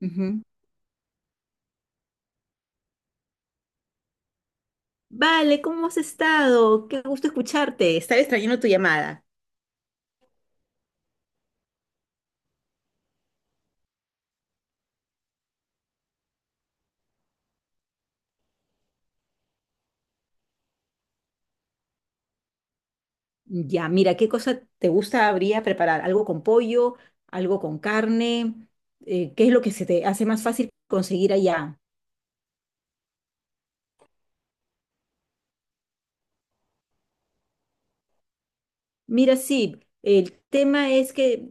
Ujú. Vale, ¿cómo has estado? Qué gusto escucharte. Estaba extrañando tu llamada. Ya, mira, ¿qué cosa te gusta habría preparar? ¿Algo con pollo? ¿Algo con carne? ¿Qué es lo que se te hace más fácil conseguir allá? Mira, sí, el tema es que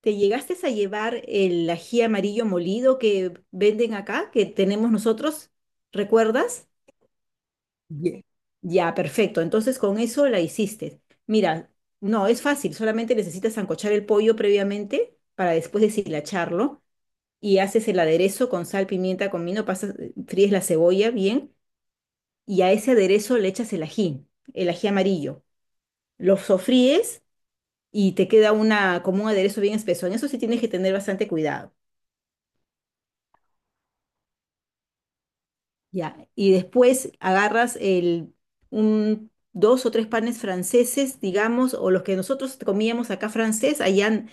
te llegaste a llevar el ají amarillo molido que venden acá, que tenemos nosotros, ¿recuerdas? Ye- Ya, perfecto. Entonces con eso la hiciste. Mira, no, es fácil, solamente necesitas ancochar el pollo previamente para después deshilacharlo y haces el aderezo con sal, pimienta, comino, pasas, fríes la cebolla bien y a ese aderezo le echas el ají amarillo. Lo sofríes y te queda una, como un aderezo bien espeso. En eso sí tienes que tener bastante cuidado. Ya, y después agarras un, 2 o 3 panes franceses, digamos, o los que nosotros comíamos acá francés,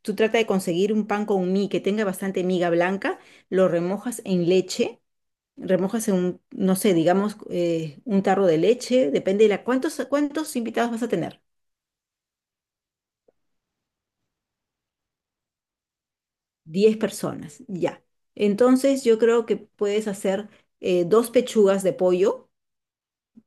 tú trata de conseguir un pan con mí que tenga bastante miga blanca, lo remojas en leche, remojas en un, no sé, digamos, un tarro de leche, depende de la, ¿cuántos, cuántos invitados vas a tener? 10 personas, ya. Entonces yo creo que puedes hacer 2 pechugas de pollo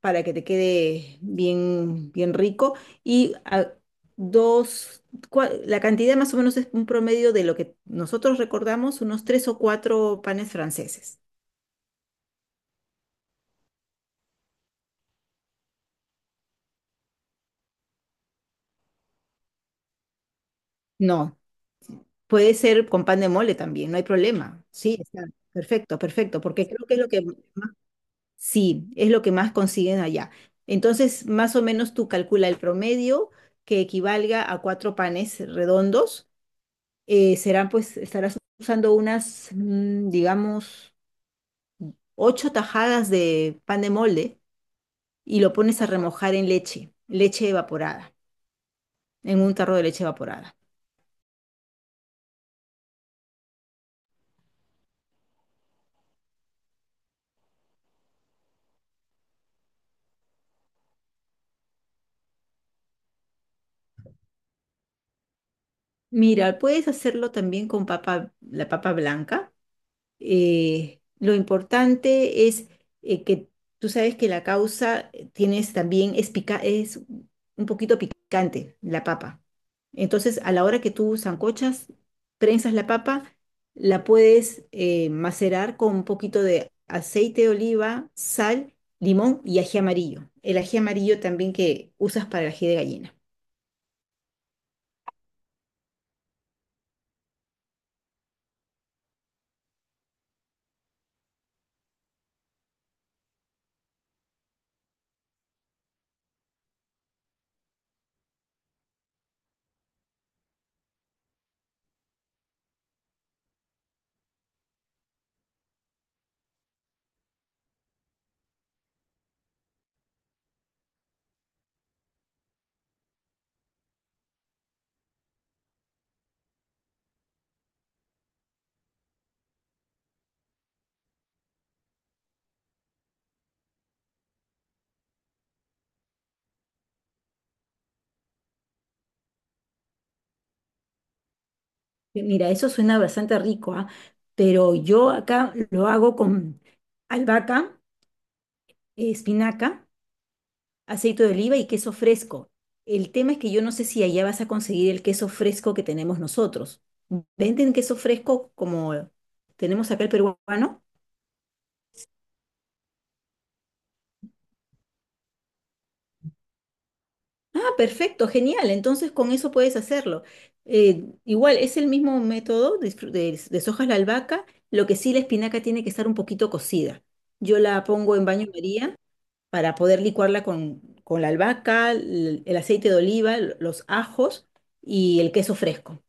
para que te quede bien, bien rico. Y a- dos, la cantidad más o menos es un promedio de lo que nosotros recordamos, unos 3 o 4 panes franceses. No, puede ser con pan de mole también, no hay problema. Sí, está perfecto, perfecto, porque creo que es lo que más, sí, es lo que más consiguen allá. Entonces, más o menos tú calcula el promedio que equivalga a 4 panes redondos. Serán pues, estarás usando unas, digamos, 8 tajadas de pan de molde y lo pones a remojar en leche, leche evaporada, en un tarro de leche evaporada. Mira, puedes hacerlo también con papa, la papa blanca. Lo importante es que tú sabes que la causa tienes también es un poquito picante, la papa. Entonces, a la hora que tú sancochas, prensas la papa, la puedes macerar con un poquito de aceite de oliva, sal, limón y ají amarillo. El ají amarillo también que usas para el ají de gallina. Mira, eso suena bastante rico, ¿ah? Pero yo acá lo hago con albahaca. Espinaca, aceite de oliva y queso fresco. El tema es que yo no sé si allá vas a conseguir el queso fresco que tenemos nosotros. ¿Venden queso fresco como tenemos acá el peruano? Ah, perfecto, genial. Entonces con eso puedes hacerlo. Igual es el mismo método, deshojas la albahaca, lo que sí la espinaca tiene que estar un poquito cocida. Yo la pongo en baño María para poder licuarla con la albahaca, el aceite de oliva, los ajos y el queso fresco.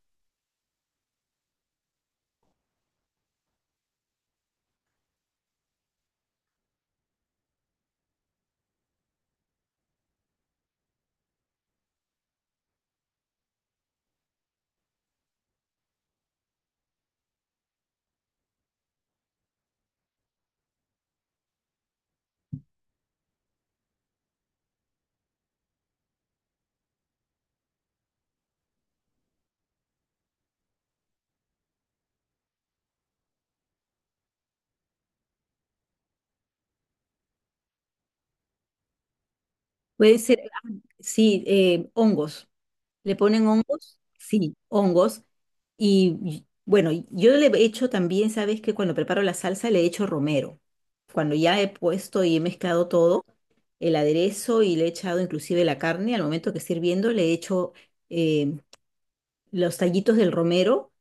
Puede ser, sí, hongos. Le ponen hongos, sí, hongos. Bueno, y yo le he hecho también, sabes que cuando preparo la salsa le he hecho romero. Cuando ya he puesto y he mezclado todo, el aderezo y le he echado inclusive la carne, al momento que esté hirviendo le he hecho eh, los tallitos del romero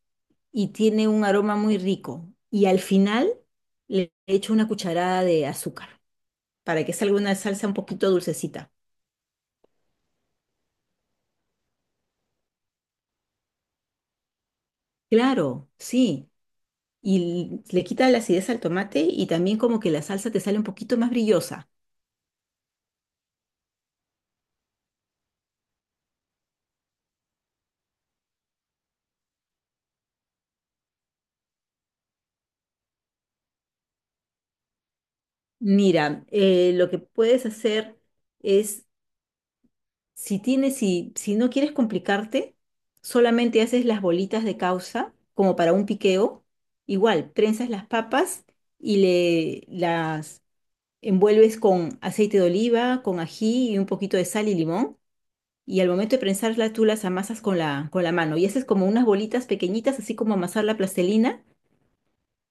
y tiene un aroma muy rico. Y al final le he hecho una cucharada de azúcar para que salga una salsa un poquito dulcecita. Claro, sí. Y le quita la acidez al tomate y también como que la salsa te sale un poquito más brillosa. Mira, lo que puedes hacer es, si tienes, si, si no quieres complicarte, solamente haces las bolitas de causa como para un piqueo. Igual, prensas las papas y le las envuelves con aceite de oliva, con ají y un poquito de sal y limón. Y al momento de prensarlas, tú las amasas con la mano. Y haces como unas bolitas pequeñitas, así como amasar la plastelina.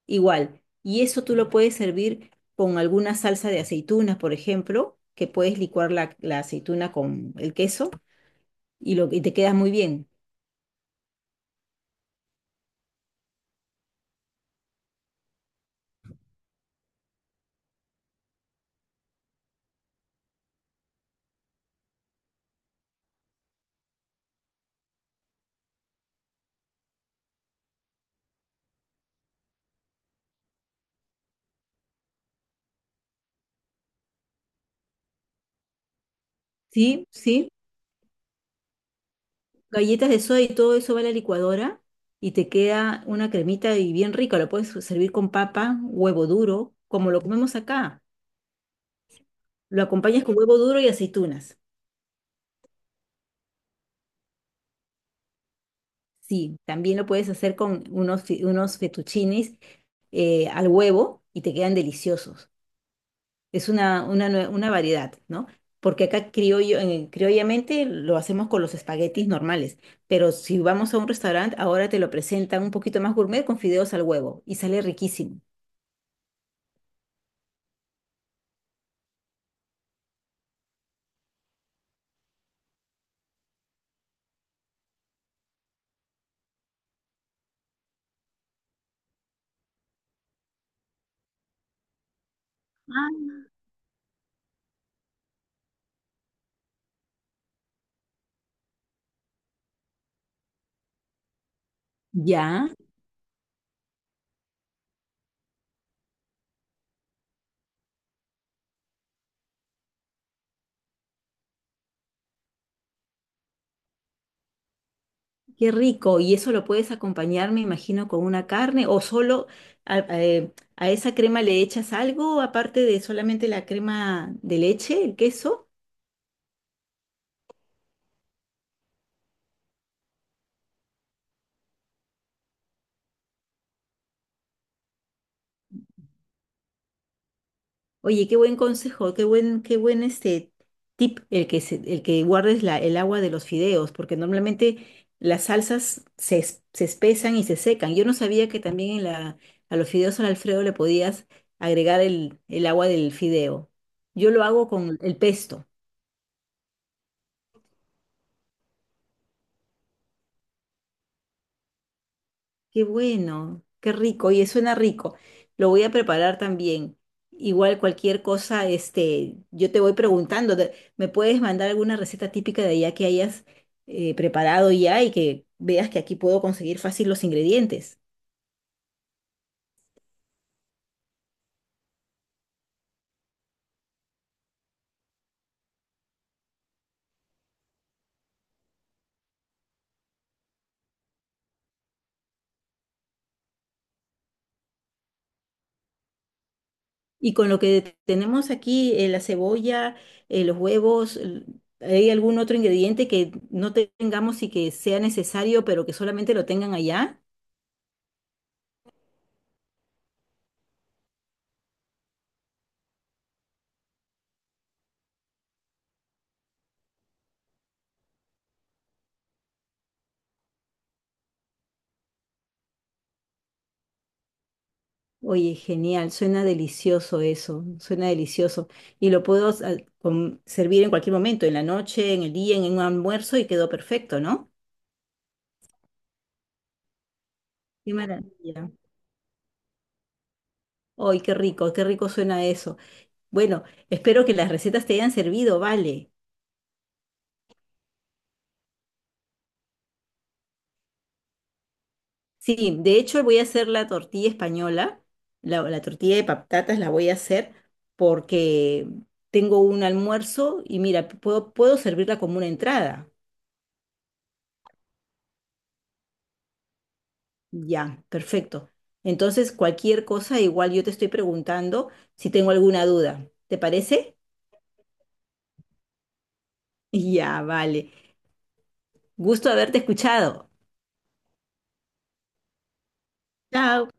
Igual. Y eso tú lo puedes servir con alguna salsa de aceitunas, por ejemplo, que puedes licuar la, la aceituna con el queso y, lo, y te queda muy bien. Sí, sí. Galletas de soda y todo eso va a la licuadora y te queda una cremita y bien rica. Lo puedes servir con papa, huevo duro, como lo comemos acá. Lo acompañas con huevo duro y aceitunas. Sí, también lo puedes hacer con unos, unos fettuccines al huevo y te quedan deliciosos. Es una, una variedad, ¿no? Porque acá criollo, criollamente lo hacemos con los espaguetis normales, pero si vamos a un restaurante, ahora te lo presentan un poquito más gourmet con fideos al huevo y sale riquísimo. Ya, qué rico. Y eso lo puedes acompañar, me imagino, con una carne o solo a esa crema le echas algo aparte de solamente la crema de leche, el queso. Oye, qué buen consejo, qué buen este tip el que el que guardes la, el agua de los fideos, porque normalmente las salsas se espesan y se secan. Yo no sabía que también en la, a los fideos al Alfredo le podías agregar el agua del fideo. Yo lo hago con el pesto. Qué bueno, qué rico, y suena rico. Lo voy a preparar también. Igual cualquier cosa, este, yo te voy preguntando, ¿me puedes mandar alguna receta típica de allá que hayas preparado ya y que veas que aquí puedo conseguir fácil los ingredientes? Y con lo que tenemos aquí, la cebolla, los huevos, ¿hay algún otro ingrediente que no tengamos y que sea necesario, pero que solamente lo tengan allá? Oye, genial, suena delicioso eso, suena delicioso. Y lo puedo servir en cualquier momento, en la noche, en el día, en un almuerzo y quedó perfecto, ¿no? Qué maravilla. Ay, qué rico suena eso. Bueno, espero que las recetas te hayan servido, vale. Sí, de hecho voy a hacer la tortilla española, la tortilla de patatas la voy a hacer porque tengo un almuerzo y mira, puedo, puedo servirla como una entrada. Ya, perfecto. Entonces, cualquier cosa, igual yo te estoy preguntando si tengo alguna duda. ¿Te parece? Ya, vale. Gusto haberte escuchado. Chao.